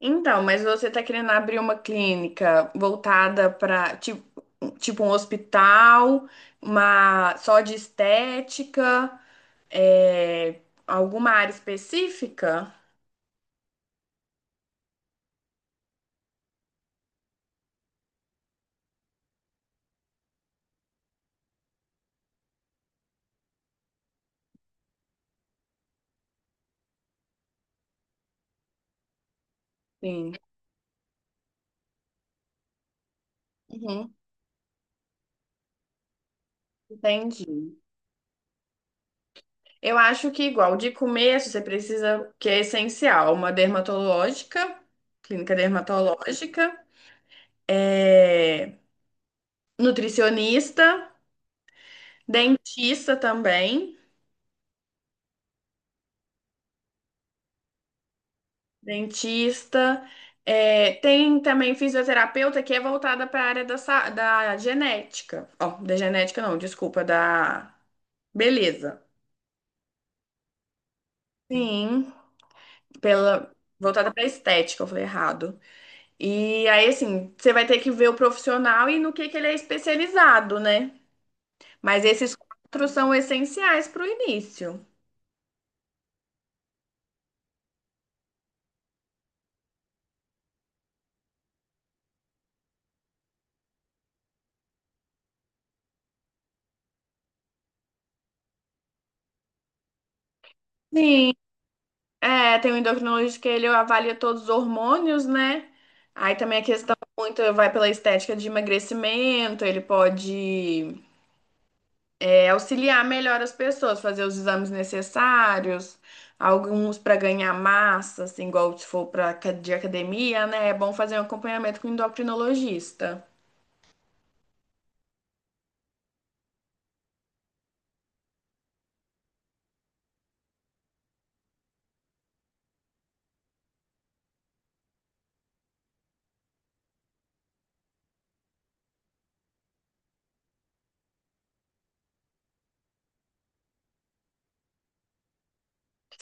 Então, mas você tá querendo abrir uma clínica voltada para tipo um hospital, uma só de estética, é, alguma área específica? Sim. Uhum, entendi. Eu acho que igual de começo você precisa, que é essencial, uma dermatológica, clínica dermatológica, é, nutricionista, dentista também. Dentista. É, tem também fisioterapeuta que é voltada para a área da, da genética. Ó, da genética não, desculpa, da beleza. Sim, pela voltada para estética, eu falei errado. E aí, assim, você vai ter que ver o profissional e no que ele é especializado, né? Mas esses quatro são essenciais para o início. Sim. É, tem um endocrinologista que ele avalia todos os hormônios, né? Aí também a questão muito vai pela estética de emagrecimento, ele pode auxiliar melhor as pessoas, fazer os exames necessários, alguns para ganhar massa, assim, igual se for para de academia, né? É bom fazer um acompanhamento com o endocrinologista.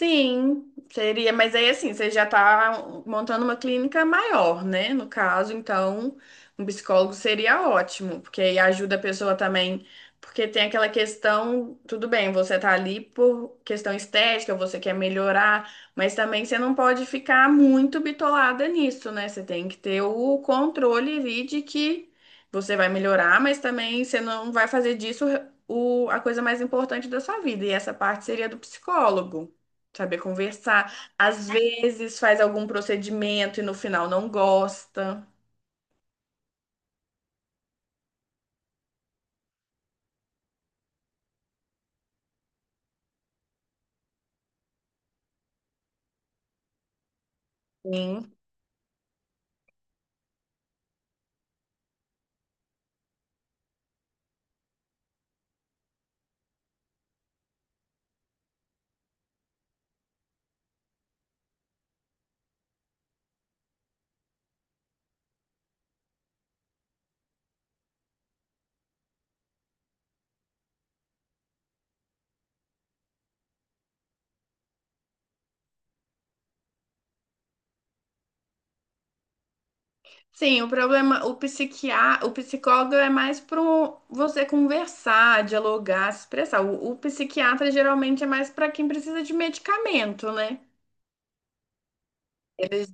Sim, seria, mas aí assim, você já está montando uma clínica maior, né? No caso, então, um psicólogo seria ótimo, porque aí ajuda a pessoa também, porque tem aquela questão, tudo bem, você tá ali por questão estética, você quer melhorar, mas também você não pode ficar muito bitolada nisso, né? Você tem que ter o controle ali de que você vai melhorar, mas também você não vai fazer disso o, a coisa mais importante da sua vida, e essa parte seria do psicólogo. Saber conversar. Às vezes faz algum procedimento e no final não gosta. Sim. Sim, o problema, o psiquiatra, o psicólogo é mais para você conversar, dialogar, se expressar. O psiquiatra geralmente é mais para quem precisa de medicamento, né? Eles-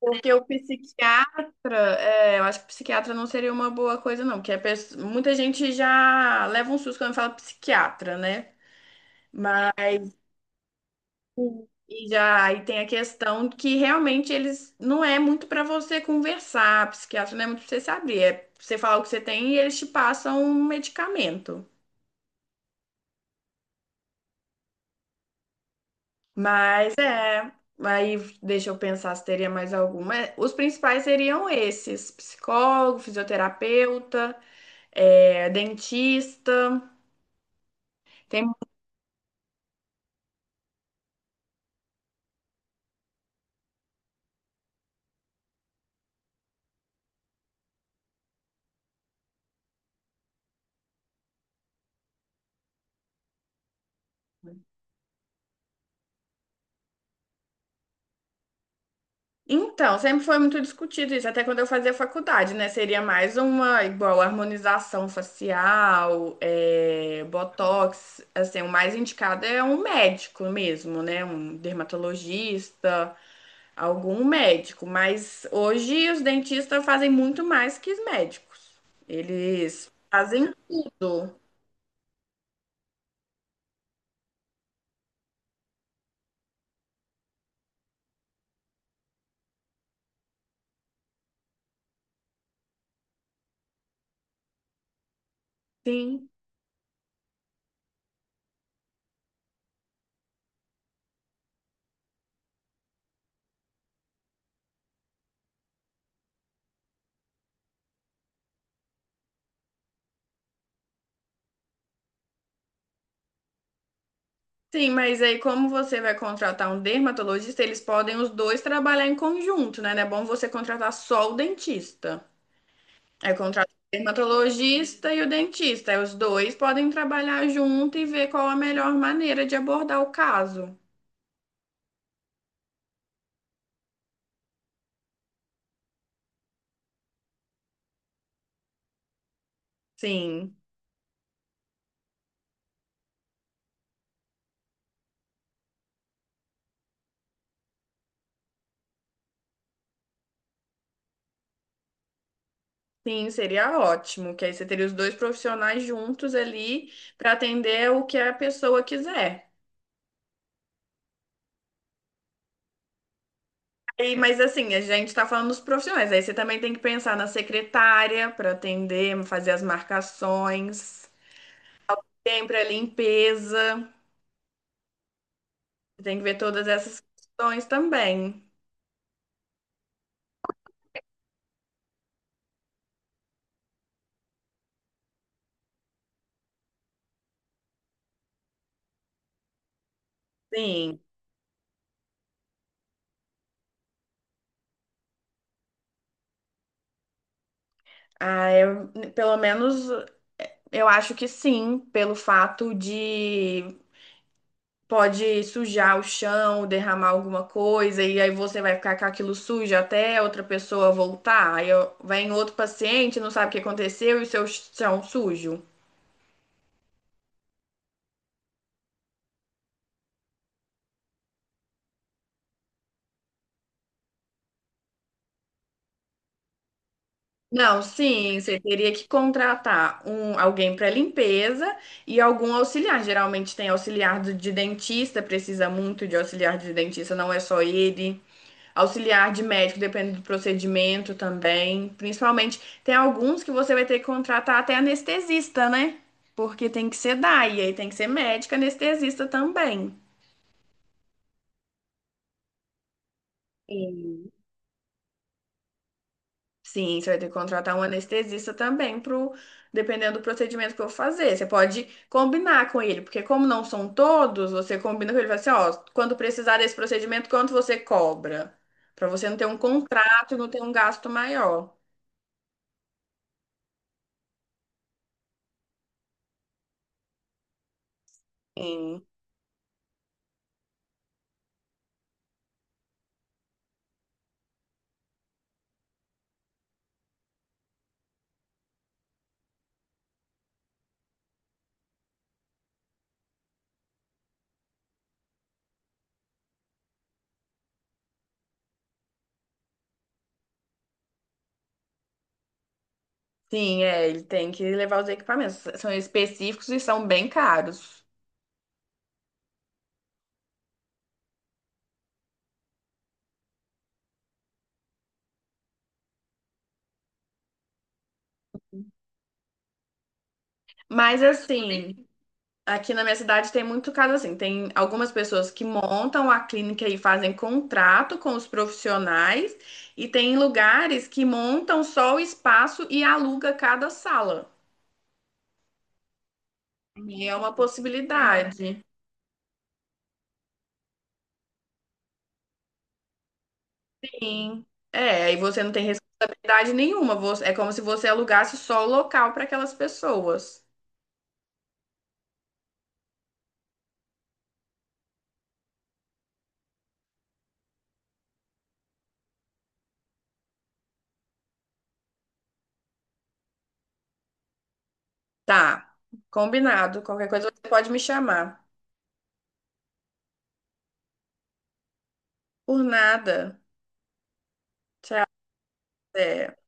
porque o psiquiatra, eu acho que psiquiatra não seria uma boa coisa, não, porque muita gente já leva um susto quando fala psiquiatra, né? Sim. E já aí tem a questão que realmente eles não é muito para você conversar, psiquiatra não é muito para você saber, é pra você falar o que você tem e eles te passam um medicamento. Mas é, aí deixa eu pensar se teria mais alguma. É, os principais seriam esses: psicólogo, fisioterapeuta, dentista. Tem Então, sempre foi muito discutido isso, até quando eu fazia faculdade, né? Seria mais uma igual harmonização facial, é, botox, assim, o mais indicado é um médico mesmo, né? Um dermatologista, algum médico. Mas hoje os dentistas fazem muito mais que os médicos. Eles fazem tudo. Sim. Sim, mas aí como você vai contratar um dermatologista, eles podem os dois trabalhar em conjunto, né? Não é bom você contratar só o dentista. Aí contrata o dermatologista e o dentista. Aí os dois podem trabalhar junto e ver qual a melhor maneira de abordar o caso. Sim, sim, seria ótimo, que aí você teria os dois profissionais juntos ali para atender o que a pessoa quiser. E, mas assim, a gente está falando dos profissionais. Aí você também tem que pensar na secretária para atender, fazer as marcações, sempre a limpeza. Tem que ver todas essas questões também. Sim. Ah, eu, pelo menos eu acho que sim, pelo fato de pode sujar o chão, derramar alguma coisa, e aí você vai ficar com aquilo sujo até outra pessoa voltar. Aí ó, vai em outro paciente, não sabe o que aconteceu e o seu chão sujo. Não, sim, você teria que contratar um, alguém para limpeza e algum auxiliar. Geralmente tem auxiliar de dentista, precisa muito de auxiliar de dentista, não é só ele. Auxiliar de médico, depende do procedimento também. Principalmente, tem alguns que você vai ter que contratar até anestesista, né? Porque tem que ser DAI, e aí tem que ser médico anestesista também. Sim, você vai ter que contratar um anestesista também pro, dependendo do procedimento que eu fazer. Você pode combinar com ele, porque como não são todos, você combina com ele e fala assim, ó, quando precisar desse procedimento, quanto você cobra? Pra você não ter um contrato e não ter um gasto maior. Sim. Sim, é, ele tem que levar os equipamentos. São específicos e são bem caros. Mas assim, aqui na minha cidade tem muito caso assim. Tem algumas pessoas que montam a clínica e fazem contrato com os profissionais, e tem lugares que montam só o espaço e aluga cada sala. E é uma possibilidade. Sim. É, aí você não tem responsabilidade nenhuma. Você- é como se você alugasse só o local para aquelas pessoas. Tá, combinado. Qualquer coisa você pode me chamar. Por nada. É.